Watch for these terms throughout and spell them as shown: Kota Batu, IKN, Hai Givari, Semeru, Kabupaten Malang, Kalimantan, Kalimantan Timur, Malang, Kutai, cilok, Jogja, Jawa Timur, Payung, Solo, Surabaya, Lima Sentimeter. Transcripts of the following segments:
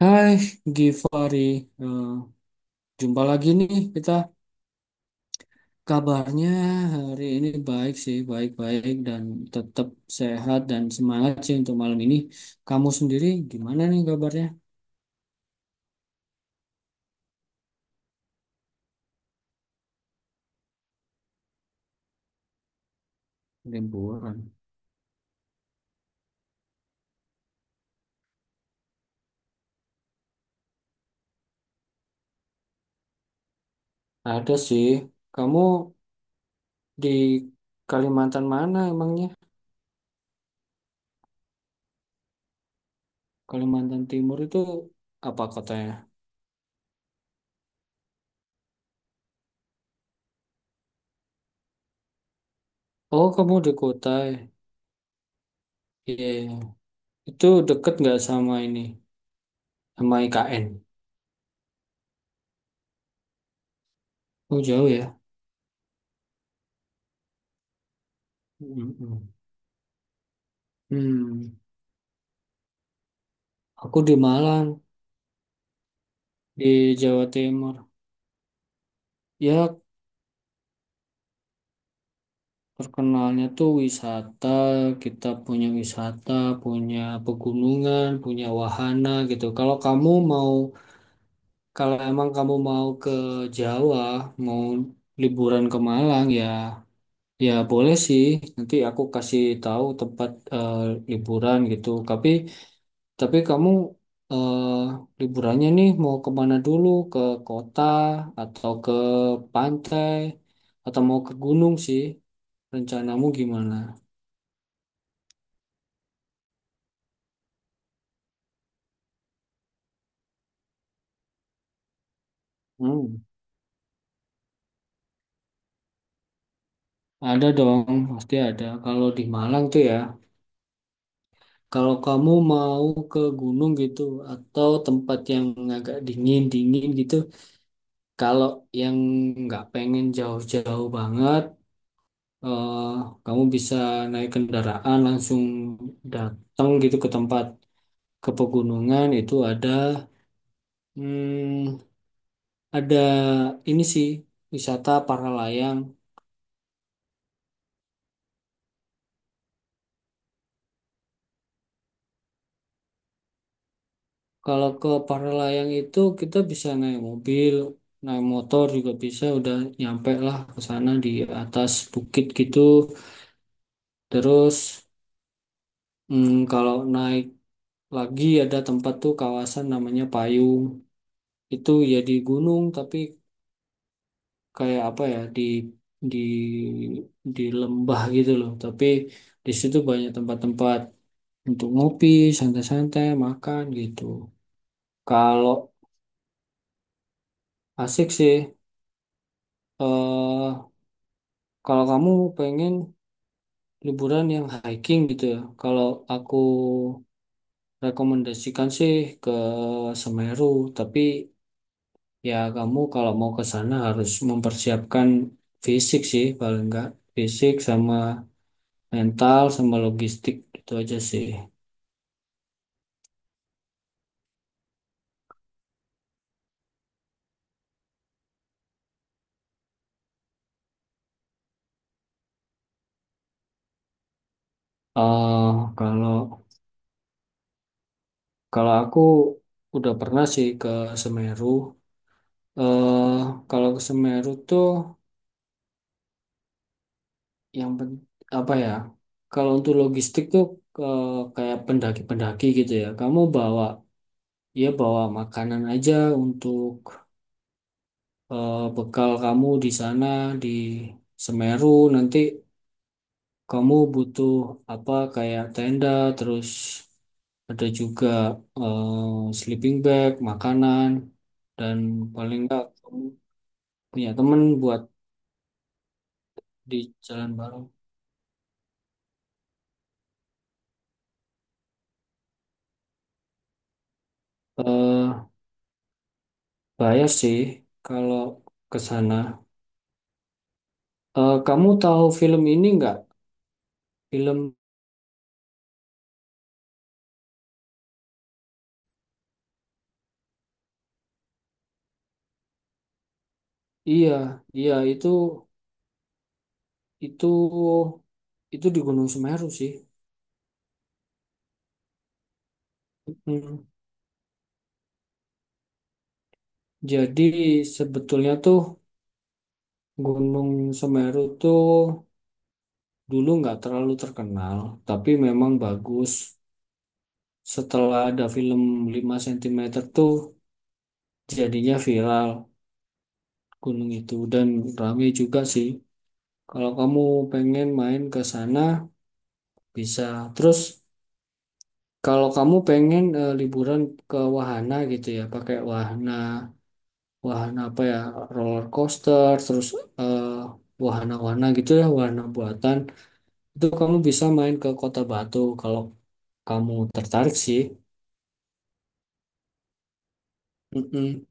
Hai Givari, Eh, jumpa lagi nih kita. Kabarnya hari ini baik sih, baik-baik dan tetap sehat dan semangat sih untuk malam ini. Kamu sendiri gimana nih kabarnya? Liburan. Ada sih. Kamu di Kalimantan mana emangnya? Kalimantan Timur itu apa kotanya? Oh, kamu di Kutai. Iya, itu deket nggak sama ini, sama IKN? Oh, jauh ya. Mm-mm. Hmm. Aku di Malang, di Jawa Timur. Ya, terkenalnya tuh wisata. Kita punya wisata, punya pegunungan, punya wahana gitu. Kalau kamu mau, kalau emang kamu mau ke Jawa, mau liburan ke Malang ya, ya boleh sih. Nanti aku kasih tahu tempat eh, liburan gitu. Tapi kamu eh, liburannya nih mau kemana dulu? Ke kota atau ke pantai atau mau ke gunung sih? Rencanamu gimana? Hmm, ada dong, pasti ada. Kalau di Malang tuh ya, kalau kamu mau ke gunung gitu atau tempat yang agak dingin-dingin gitu, kalau yang nggak pengen jauh-jauh banget, eh, kamu bisa naik kendaraan langsung datang gitu ke tempat. Ke pegunungan itu hmm, ada ini sih wisata para layang. Kalau ke para layang itu kita bisa naik mobil, naik motor juga bisa, udah nyampe lah ke sana di atas bukit gitu. Terus kalau naik lagi ada tempat tuh kawasan namanya Payung. Itu ya di gunung tapi kayak apa ya di di lembah gitu loh. Tapi di situ banyak tempat-tempat untuk ngopi, santai-santai, makan gitu. Kalau asik sih, eh kalau kamu pengen liburan yang hiking gitu ya, kalau aku rekomendasikan sih ke Semeru, tapi ya kamu kalau mau ke sana harus mempersiapkan fisik sih, paling enggak fisik sama mental sama logistik itu aja sih. eh kalau kalau aku udah pernah sih ke Semeru. eh Kalau ke Semeru tuh yang pen- apa ya? Kalau untuk logistik tuh ke kayak pendaki-pendaki gitu ya. Kamu bawa makanan aja untuk bekal kamu di sana di Semeru. Nanti kamu butuh apa kayak tenda terus ada juga sleeping bag, makanan dan paling enggak kamu punya temen buat di jalan bareng. Eh, Saya sih kalau ke sana. Kamu tahu film ini nggak? Film iya, iya itu itu di Gunung Semeru sih. Hmm. Jadi sebetulnya tuh Gunung Semeru tuh dulu nggak terlalu terkenal, tapi memang bagus. Setelah ada film Lima Sentimeter tuh jadinya viral gunung itu dan rame juga sih. Kalau kamu pengen main ke sana bisa. Terus, kalau kamu pengen liburan ke wahana gitu ya, pakai wahana wahana apa ya, roller coaster, terus eh, wahana-wahana gitu ya, wahana buatan, itu kamu bisa main ke Kota Batu kalau kamu tertarik sih. Mm-mm.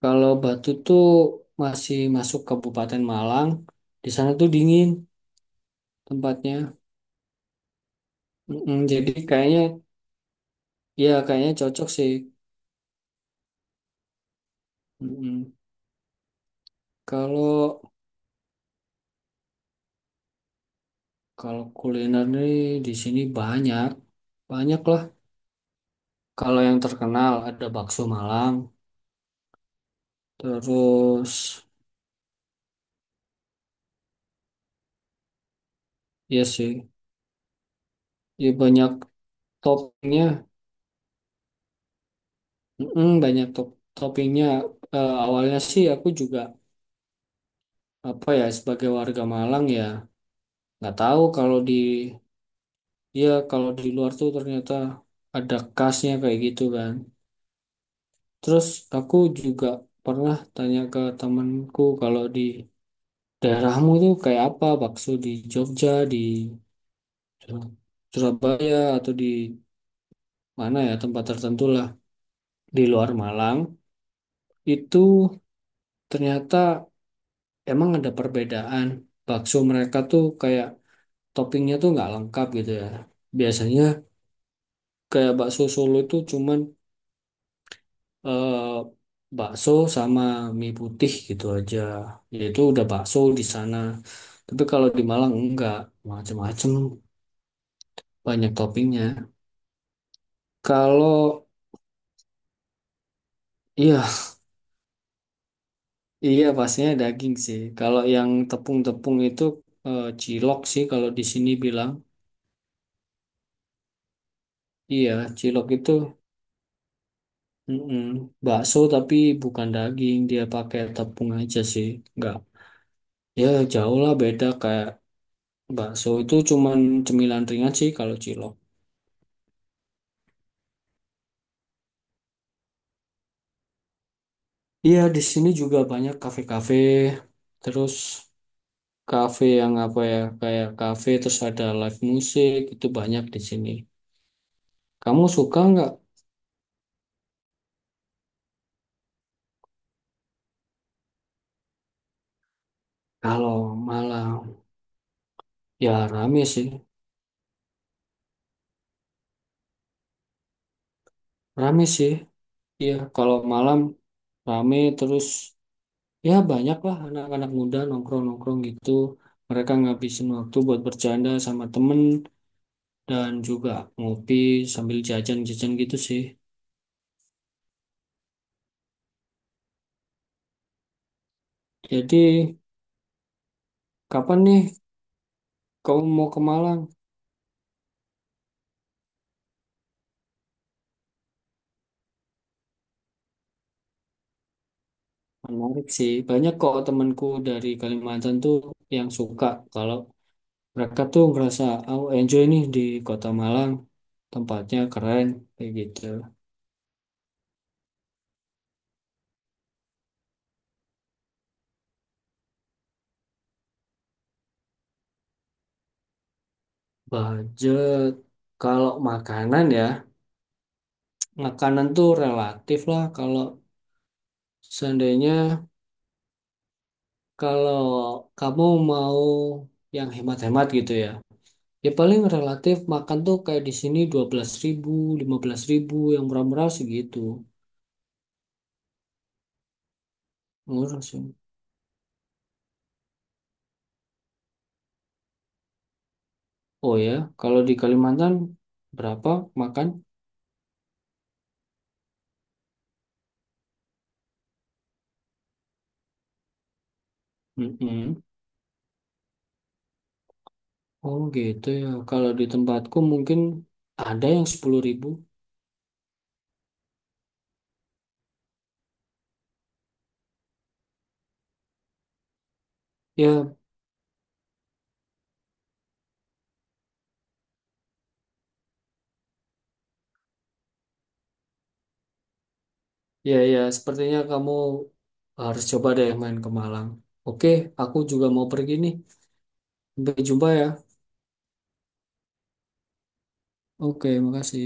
Kalau Batu tuh masih masuk Kabupaten Malang, di sana tuh dingin tempatnya. Mm-mm. Jadi kayaknya, ya kayaknya cocok sih. Mm-mm. Kalau kalau kuliner nih di sini banyak, banyak lah. Kalau yang terkenal ada bakso Malang, terus iya sih, ya banyak toppingnya, banyak toppingnya. Awalnya sih aku juga apa ya sebagai warga Malang ya nggak tahu kalau di ya kalau di luar tuh ternyata ada khasnya kayak gitu kan. Terus aku juga pernah tanya ke temanku kalau di daerahmu tuh kayak apa bakso di Jogja, di Surabaya atau di mana ya tempat tertentu lah di luar Malang itu ternyata emang ada perbedaan bakso mereka tuh kayak toppingnya tuh nggak lengkap gitu ya biasanya kayak bakso Solo itu cuman eh, bakso sama mie putih gitu aja yaitu udah bakso di sana tapi kalau di Malang enggak macem-macem banyak toppingnya kalau iya, iya, pastinya daging sih. Kalau yang tepung-tepung itu cilok sih kalau di sini bilang. Iya, cilok itu mm-mm, bakso tapi bukan daging, dia pakai tepung aja sih. Enggak. Ya, jauh lah beda kayak bakso itu cuman cemilan ringan sih kalau cilok. Iya, di sini juga banyak kafe-kafe, terus kafe yang apa ya, kayak kafe terus ada live musik, itu banyak di sini. Kamu suka nggak? Kalau malam ya rame sih. Rame sih, iya. Kalau malam rame terus ya banyak lah anak-anak muda nongkrong-nongkrong gitu. Mereka ngabisin waktu buat bercanda sama temen dan juga ngopi sambil jajan-jajan gitu sih. Jadi kapan nih kamu mau ke Malang? Menarik sih. Banyak kok temanku dari Kalimantan tuh yang suka kalau mereka tuh ngerasa oh enjoy nih di kota Malang. Tempatnya keren kayak gitu. Budget kalau makanan ya, makanan tuh relatif lah. Kalau seandainya kalau kamu mau yang hemat-hemat gitu ya, ya paling relatif makan tuh kayak di sini 12.000 15.000 yang murah-murah segitu. Murah sih. Oh ya, kalau di Kalimantan berapa makan? Mm-mm. Oh gitu ya. Kalau di tempatku mungkin ada yang 10.000. Ya, iya, iya, sepertinya kamu harus coba deh main ke Malang. Oke, aku juga mau pergi nih. Sampai jumpa ya. Oke, makasih.